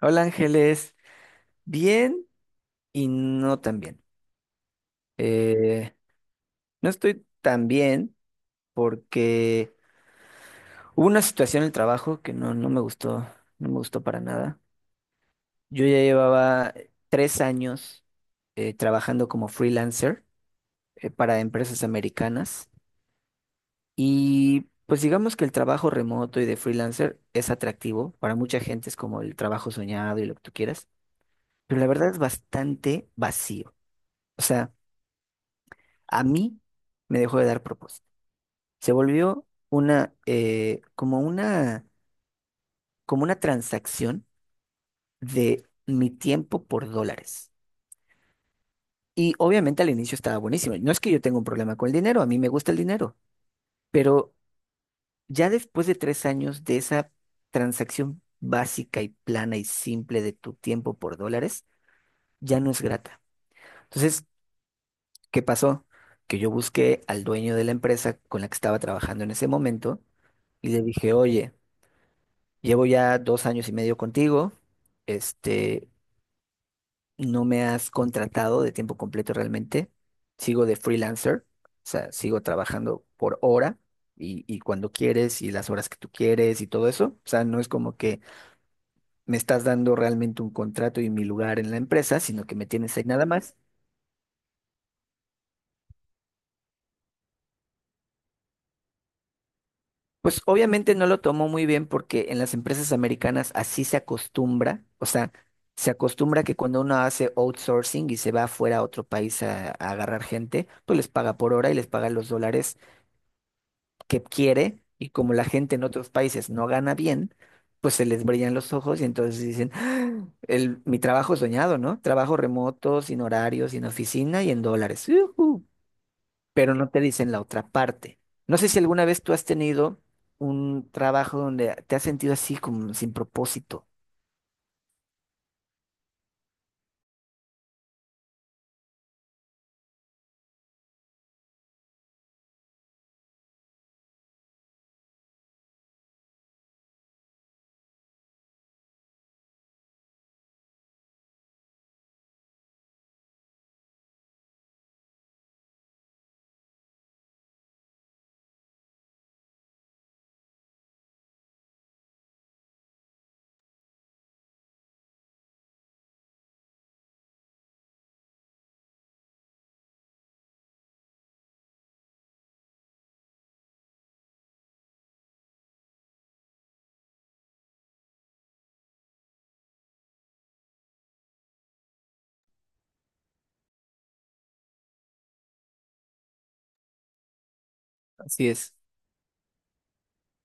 Hola Ángeles, bien y no tan bien. Eh, no estoy tan bien porque hubo una situación en el trabajo que no, no me gustó, no me gustó para nada. Yo ya llevaba 3 años trabajando como freelancer para empresas americanas, y pues digamos que el trabajo remoto y de freelancer es atractivo, para mucha gente es como el trabajo soñado y lo que tú quieras, pero la verdad es bastante vacío. O sea, a mí me dejó de dar propósito. Se volvió una, como una, como una transacción de mi tiempo por dólares. Y obviamente al inicio estaba buenísimo. No es que yo tenga un problema con el dinero, a mí me gusta el dinero, pero ya después de 3 años de esa transacción básica y plana y simple de tu tiempo por dólares, ya no es grata. Entonces, ¿qué pasó? Que yo busqué al dueño de la empresa con la que estaba trabajando en ese momento y le dije, oye, llevo ya 2 años y medio contigo. Este, no me has contratado de tiempo completo realmente. Sigo de freelancer, o sea, sigo trabajando por hora y cuando quieres y las horas que tú quieres y todo eso. O sea, no es como que me estás dando realmente un contrato y mi lugar en la empresa, sino que me tienes ahí nada más. Pues obviamente no lo tomó muy bien porque en las empresas americanas así se acostumbra, o sea, se acostumbra que cuando uno hace outsourcing y se va fuera a otro país a agarrar gente, pues les paga por hora y les paga los dólares que quiere, y como la gente en otros países no gana bien, pues se les brillan los ojos y entonces dicen, "Ah, mi trabajo soñado, ¿no? Trabajo remoto, sin horario, sin oficina y en dólares. ¡Yujú!" Pero no te dicen la otra parte. No sé si alguna vez tú has tenido un trabajo donde te has sentido así como sin propósito. Así es.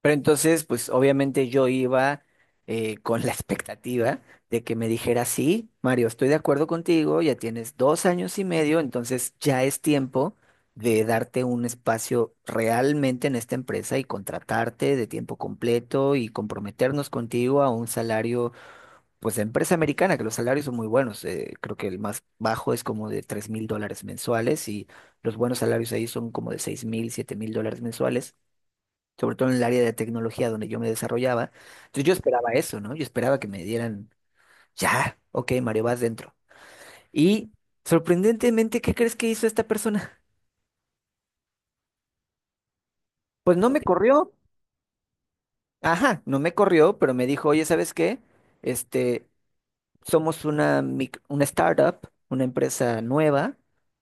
Pero entonces, pues obviamente yo iba con la expectativa de que me dijera, sí, Mario, estoy de acuerdo contigo, ya tienes 2 años y medio, entonces ya es tiempo de darte un espacio realmente en esta empresa y contratarte de tiempo completo y comprometernos contigo a un salario pues de empresa americana, que los salarios son muy buenos. Creo que el más bajo es como de $3,000 mensuales, y los buenos salarios ahí son como de $6,000, $7,000 mensuales, sobre todo en el área de tecnología donde yo me desarrollaba. Entonces yo esperaba eso, ¿no? Yo esperaba que me dieran, ya, ok, Mario, vas dentro. Y sorprendentemente, ¿qué crees que hizo esta persona? Pues no me corrió. Ajá, no me corrió, pero me dijo, oye, ¿sabes qué? Este, somos una startup, una empresa nueva,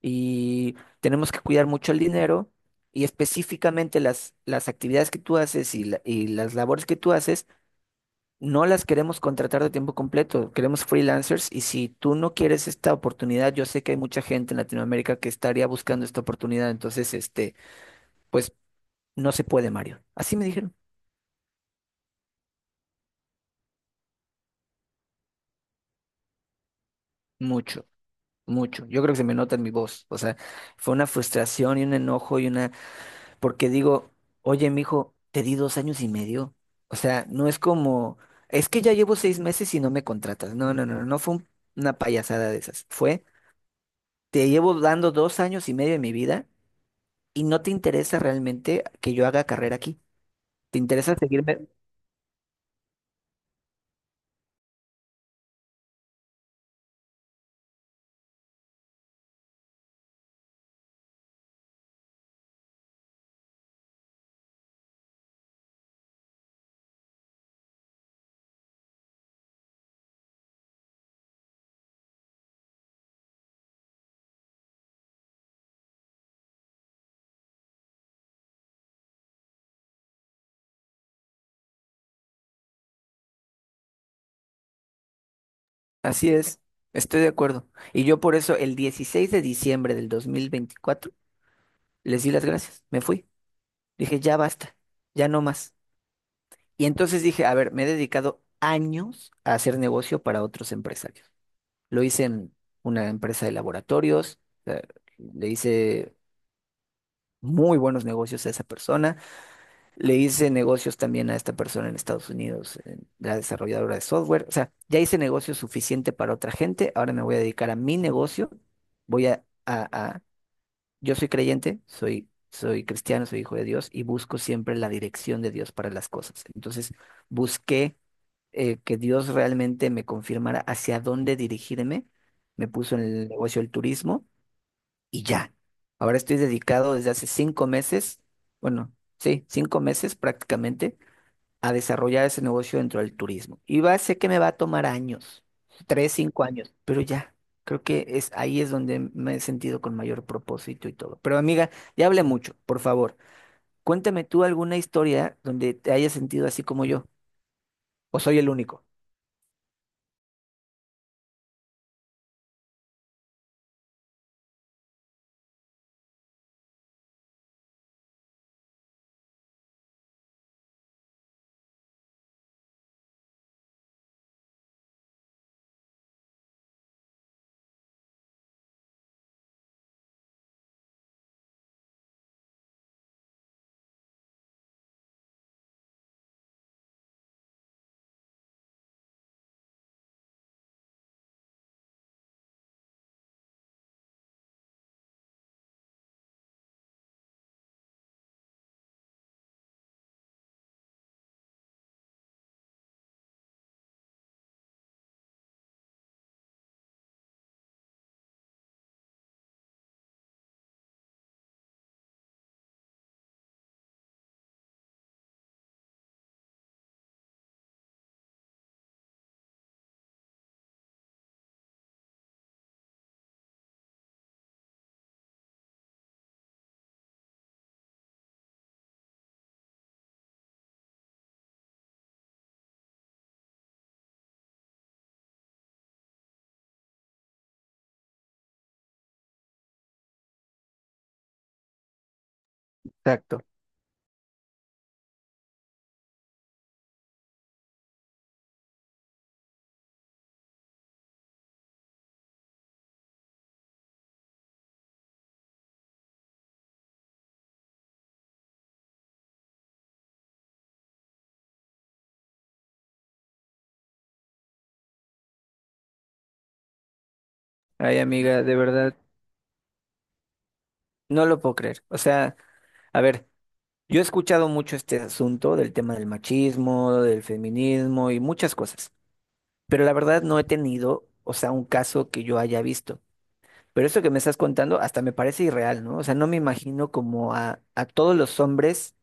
y tenemos que cuidar mucho el dinero, y específicamente las actividades que tú haces, y, las labores que tú haces, no las queremos contratar de tiempo completo, queremos freelancers, y si tú no quieres esta oportunidad, yo sé que hay mucha gente en Latinoamérica que estaría buscando esta oportunidad, entonces, pues no se puede, Mario. Así me dijeron, mucho. Mucho. Yo creo que se me nota en mi voz. O sea, fue una frustración y un enojo y una porque digo, oye, mijo, te di 2 años y medio. O sea, no es como, es que ya llevo 6 meses y no me contratas. No, no, no, no fue una payasada de esas. Fue, te llevo dando 2 años y medio de mi vida y no te interesa realmente que yo haga carrera aquí. ¿Te interesa seguirme? Así es, estoy de acuerdo. Y yo por eso el 16 de diciembre de 2024 les di las gracias, me fui. Dije, ya basta, ya no más. Y entonces dije, a ver, me he dedicado años a hacer negocio para otros empresarios. Lo hice en una empresa de laboratorios, eh, le hice muy buenos negocios a esa persona, le hice negocios también a esta persona en Estados Unidos, en la desarrolladora de software. O sea, ya hice negocio suficiente para otra gente, ahora me voy a dedicar a mi negocio, voy a, a, yo soy creyente, soy cristiano, soy hijo de Dios y busco siempre la dirección de Dios para las cosas. Entonces, busqué que Dios realmente me confirmara hacia dónde dirigirme. Me puso en el negocio del turismo y ya. Ahora estoy dedicado desde hace 5 meses, bueno, sí, 5 meses prácticamente, a desarrollar ese negocio dentro del turismo. Y va, sé que me va a tomar años, 3, 5 años, pero ya, creo que es ahí es donde me he sentido con mayor propósito y todo. Pero amiga, ya hablé mucho, por favor, cuéntame tú alguna historia donde te hayas sentido así como yo, o soy el único. Exacto. Ay, amiga, de verdad, no lo puedo creer. O sea, a ver, yo he escuchado mucho este asunto del tema del machismo, del feminismo y muchas cosas, pero la verdad no he tenido, o sea, un caso que yo haya visto. Pero eso que me estás contando hasta me parece irreal, ¿no? O sea, no me imagino como a todos los hombres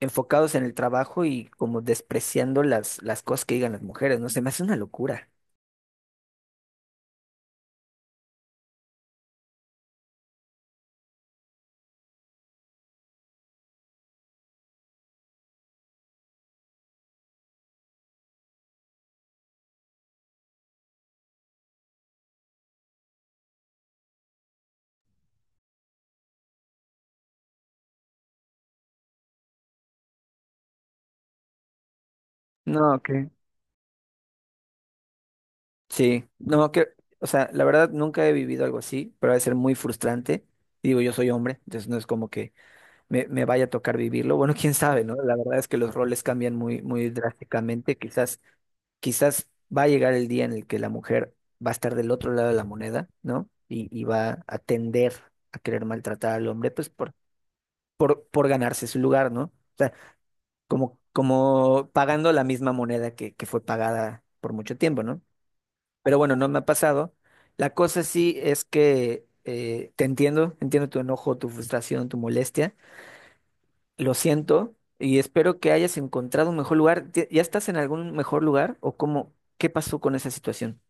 enfocados en el trabajo y como despreciando las cosas que digan las mujeres, ¿no? Se me hace una locura. No, que Sí, no, que, o sea, la verdad nunca he vivido algo así, pero debe ser muy frustrante. Digo, yo soy hombre, entonces no es como que me vaya a tocar vivirlo. Bueno, quién sabe, ¿no? La verdad es que los roles cambian muy, muy drásticamente. Quizás quizás va a llegar el día en el que la mujer va a estar del otro lado de la moneda, ¿no? Y va a tender a querer maltratar al hombre, pues por ganarse su lugar, ¿no? O sea, como pagando la misma moneda que fue pagada por mucho tiempo, ¿no? Pero bueno, no me ha pasado. La cosa sí es que te entiendo, entiendo tu enojo, tu frustración, tu molestia. Lo siento y espero que hayas encontrado un mejor lugar. ¿Ya estás en algún mejor lugar o cómo, qué pasó con esa situación?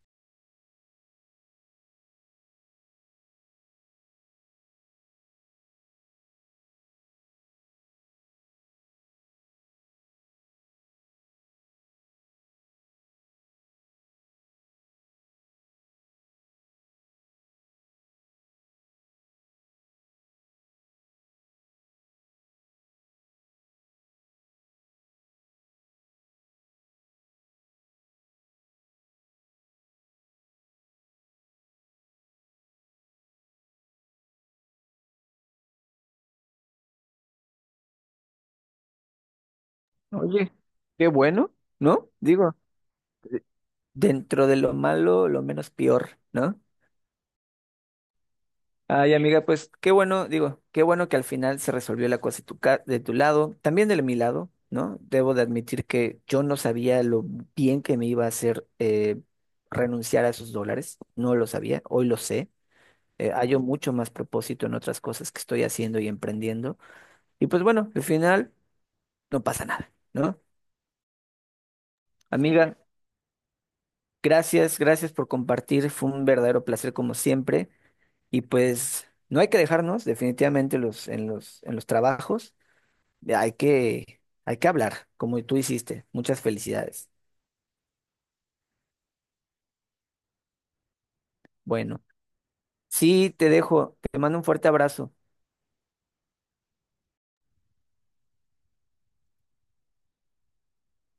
Oye, qué bueno, ¿no? Digo, dentro de lo malo, lo menos peor, ¿no? Ay, amiga, pues qué bueno, digo, qué bueno que al final se resolvió la cosa de tu lado, también de mi lado, ¿no? Debo de admitir que yo no sabía lo bien que me iba a hacer renunciar a esos dólares, no lo sabía, hoy lo sé. Hallo mucho más propósito en otras cosas que estoy haciendo y emprendiendo. Y pues bueno, al final no pasa nada, ¿no? Amiga, gracias, gracias por compartir. Fue un verdadero placer como siempre. Y pues no hay que dejarnos definitivamente en los trabajos. Hay que hablar, como tú hiciste. Muchas felicidades. Bueno, sí, te dejo. Te mando un fuerte abrazo.